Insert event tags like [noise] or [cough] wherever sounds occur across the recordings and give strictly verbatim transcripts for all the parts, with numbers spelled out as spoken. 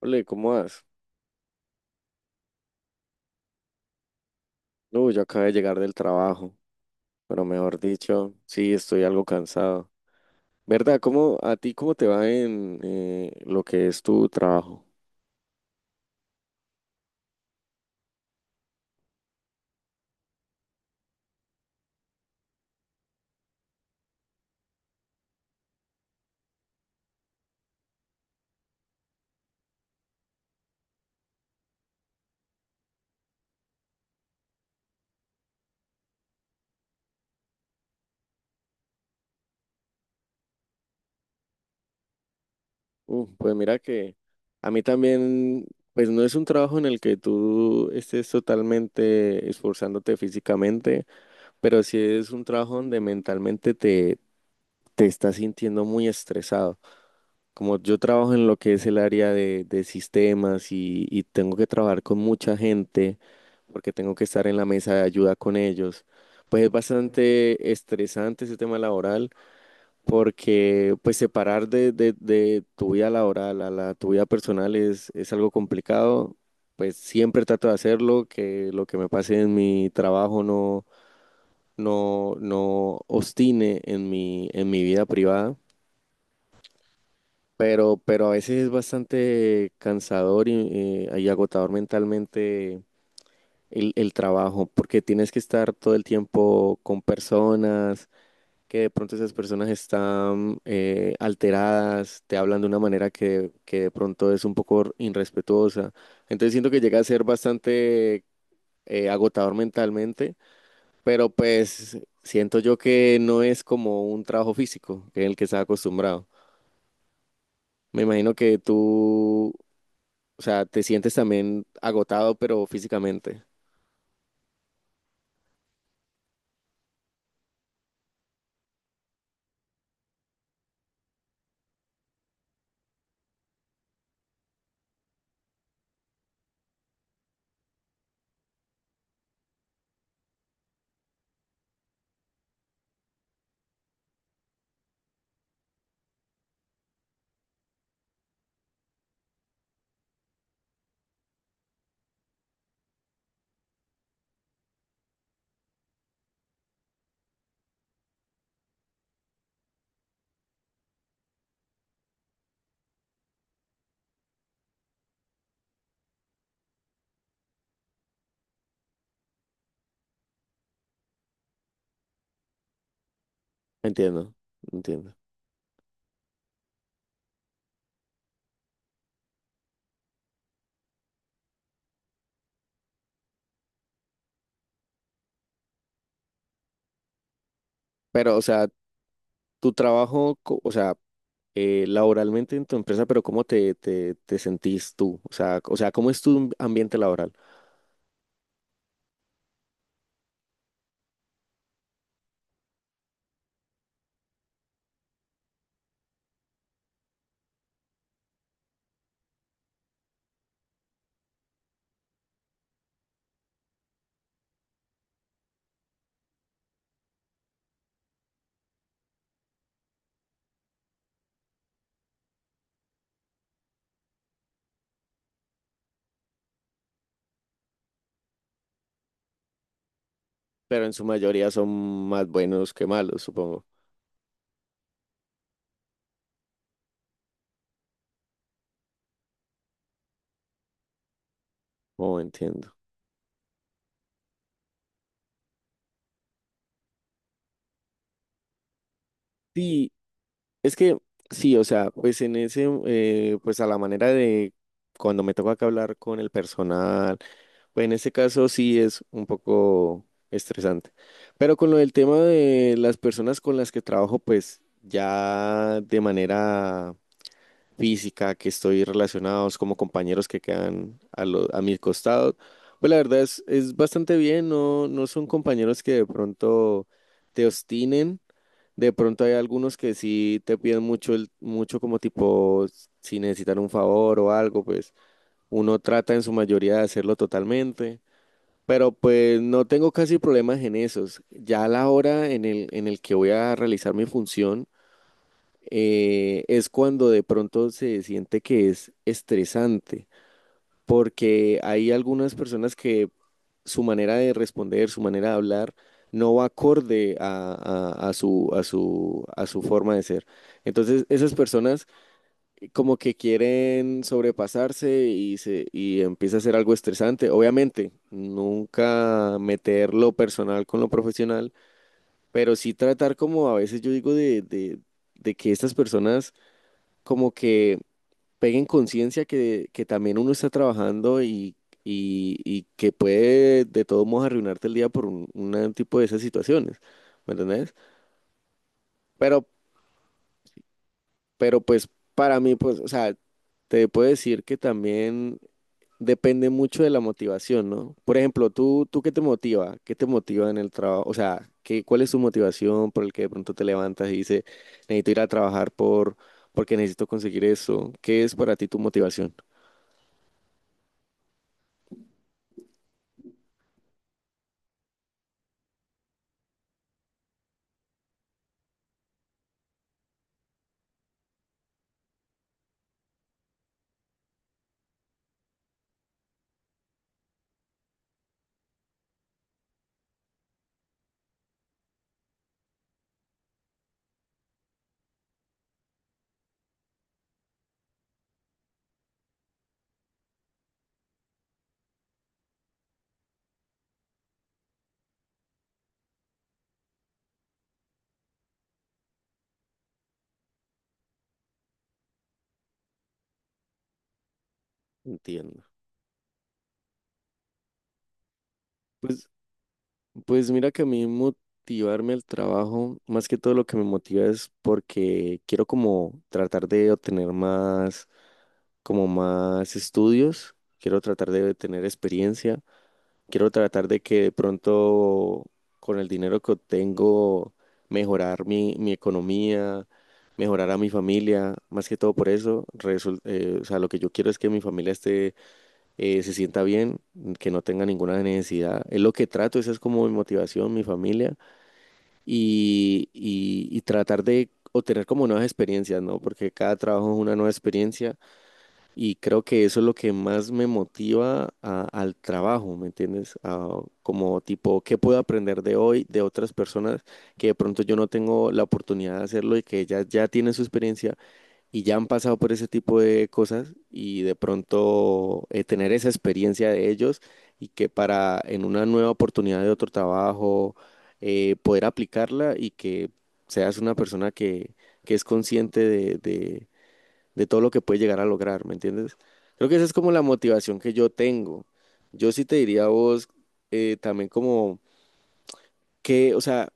Ole, ¿cómo vas? No, yo acabo de llegar del trabajo, pero mejor dicho, sí, estoy algo cansado. ¿Verdad? ¿Cómo, a ti cómo te va en eh, lo que es tu trabajo? Uh, pues mira que a mí también, pues no es un trabajo en el que tú estés totalmente esforzándote físicamente, pero sí es un trabajo donde mentalmente te, te estás sintiendo muy estresado. Como yo trabajo en lo que es el área de, de sistemas y, y tengo que trabajar con mucha gente porque tengo que estar en la mesa de ayuda con ellos, pues es bastante estresante ese tema laboral, porque pues separar de, de- de tu vida laboral a la, tu vida personal es, es algo complicado. Pues siempre trato de hacerlo, que lo que me pase en mi trabajo no, no, no obstine en mi, en mi vida privada. Pero, pero a veces es bastante cansador y, eh, y agotador mentalmente el, el trabajo, porque tienes que estar todo el tiempo con personas, que de pronto esas personas están eh, alteradas, te hablan de una manera que, que de pronto es un poco irrespetuosa. Entonces siento que llega a ser bastante eh, agotador mentalmente, pero pues siento yo que no es como un trabajo físico en el que estás acostumbrado. Me imagino que tú, o sea, te sientes también agotado, pero físicamente. Entiendo, entiendo. Pero, o sea, tu trabajo, co- o sea, eh, laboralmente en tu empresa, pero ¿cómo te, te, te sentís tú? O sea, o sea, ¿cómo es tu amb- ambiente laboral? Pero en su mayoría son más buenos que malos, supongo. Oh, entiendo. Sí, es que sí, o sea, pues en ese, eh, pues a la manera de cuando me toca que hablar con el personal, pues en ese caso sí es un poco estresante. Pero con lo del tema de las personas con las que trabajo, pues ya de manera física, que estoy relacionados como compañeros que quedan a, lo- a mi costado, pues la verdad es, es bastante bien, no, no son compañeros que de pronto te obstinen. De pronto hay algunos que sí te piden mucho, el, mucho como tipo, si necesitan un favor o algo, pues uno trata en su mayoría de hacerlo totalmente, pero pues no tengo casi problemas en esos. Ya a la hora en el, en el que voy a realizar mi función, eh, es cuando de pronto se siente que es estresante, porque hay algunas personas que su manera de responder, su manera de hablar, no va acorde a, a- a su, a su, a su forma de ser. Entonces, esas personas como que quieren sobrepasarse y, se, y empieza a ser algo estresante. Obviamente, nunca meter lo personal con lo profesional, pero sí tratar como a veces yo digo de, de de que estas personas como que peguen conciencia que, que también uno está trabajando y, y, y que puede de todos modos arruinarte el día por un, un tipo de esas situaciones, ¿me entendés? Pero, pero pues para mí, pues, o sea, te puedo decir que también depende mucho de la motivación, ¿no? Por ejemplo, ¿tú, tú qué te motiva? ¿Qué te motiva en el trabajo? O sea, ¿qué, cuál es tu motivación por el que de pronto te levantas y dices, necesito ir a trabajar por, porque necesito conseguir eso? ¿Qué es para ti tu motivación? Entiendo. Pues, pues mira que a mí motivarme al trabajo, más que todo lo que me motiva es porque quiero como tratar de obtener más, como más estudios, quiero tratar de tener experiencia, quiero tratar de que de pronto con el dinero que obtengo mejorar mi, mi economía, mejorar a mi familia, más que todo por eso, resol- eh, o sea, lo que yo quiero es que mi familia esté, eh, se sienta bien, que no tenga ninguna necesidad. Es lo que trato, esa es como mi motivación, mi familia, y, y, y tratar de obtener como nuevas experiencias, ¿no? Porque cada trabajo es una nueva experiencia y creo que eso es lo que más me motiva a- al trabajo, ¿me entiendes? A como tipo, ¿qué puedo aprender de hoy de otras personas que de pronto yo no tengo la oportunidad de hacerlo y que ellas ya tienen su experiencia? Y ya han pasado por ese tipo de cosas y de pronto eh, tener esa experiencia de ellos y que para en una nueva oportunidad de otro trabajo eh, poder aplicarla y que seas una persona que, que es consciente de, de, de todo lo que puede llegar a lograr, ¿me entiendes? Creo que esa es como la motivación que yo tengo. Yo sí te diría a vos, eh, también como que, o sea,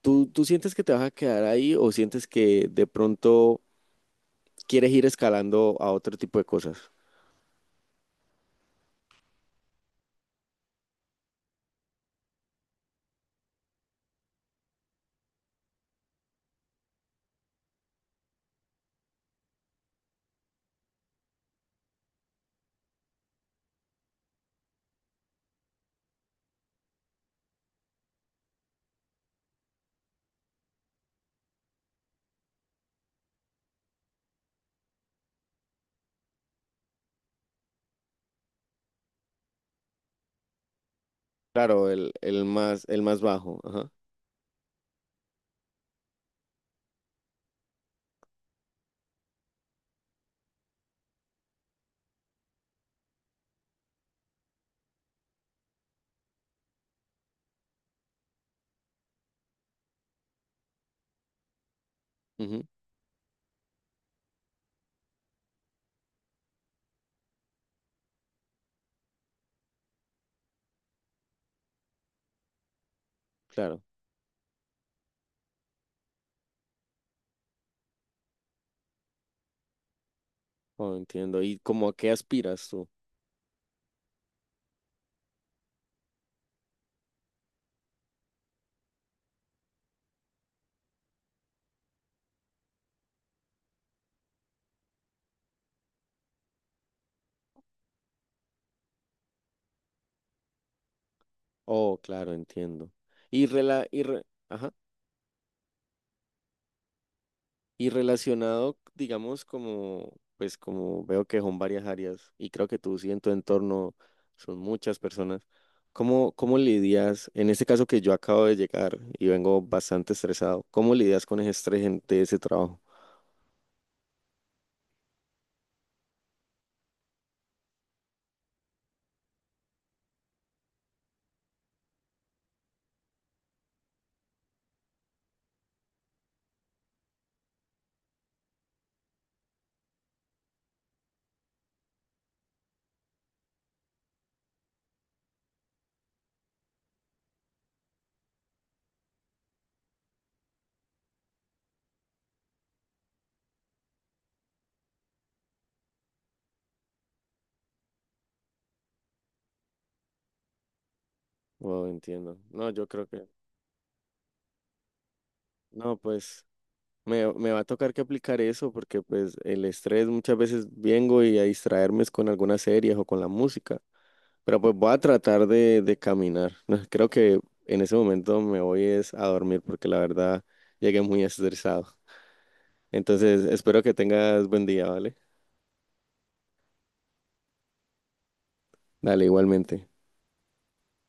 ¿tú, tú sientes que te vas a quedar ahí o sientes que de pronto quieres ir escalando a otro tipo de cosas? Claro, el, el más, el más bajo. Ajá. Ujú, claro. Oh, entiendo. ¿Y cómo a qué aspiras tú? Oh, claro, entiendo. Y rela, y re- ajá. Y relacionado, digamos, como, pues como veo que son varias áreas y creo que tú sí en tu entorno son muchas personas, ¿cómo, cómo lidias, en este caso que yo acabo de llegar y vengo bastante estresado, ¿cómo lidias con ese estrés en- de ese trabajo? Wow, entiendo. No, yo creo que, no, pues... Me, me va a tocar que aplicar eso porque pues el estrés muchas veces vengo y a distraerme es con algunas series o con la música, pero pues voy a tratar de, de caminar. [laughs] Creo que en ese momento me voy es a dormir porque la verdad llegué muy estresado. Entonces espero que tengas buen día, ¿vale? Dale, igualmente.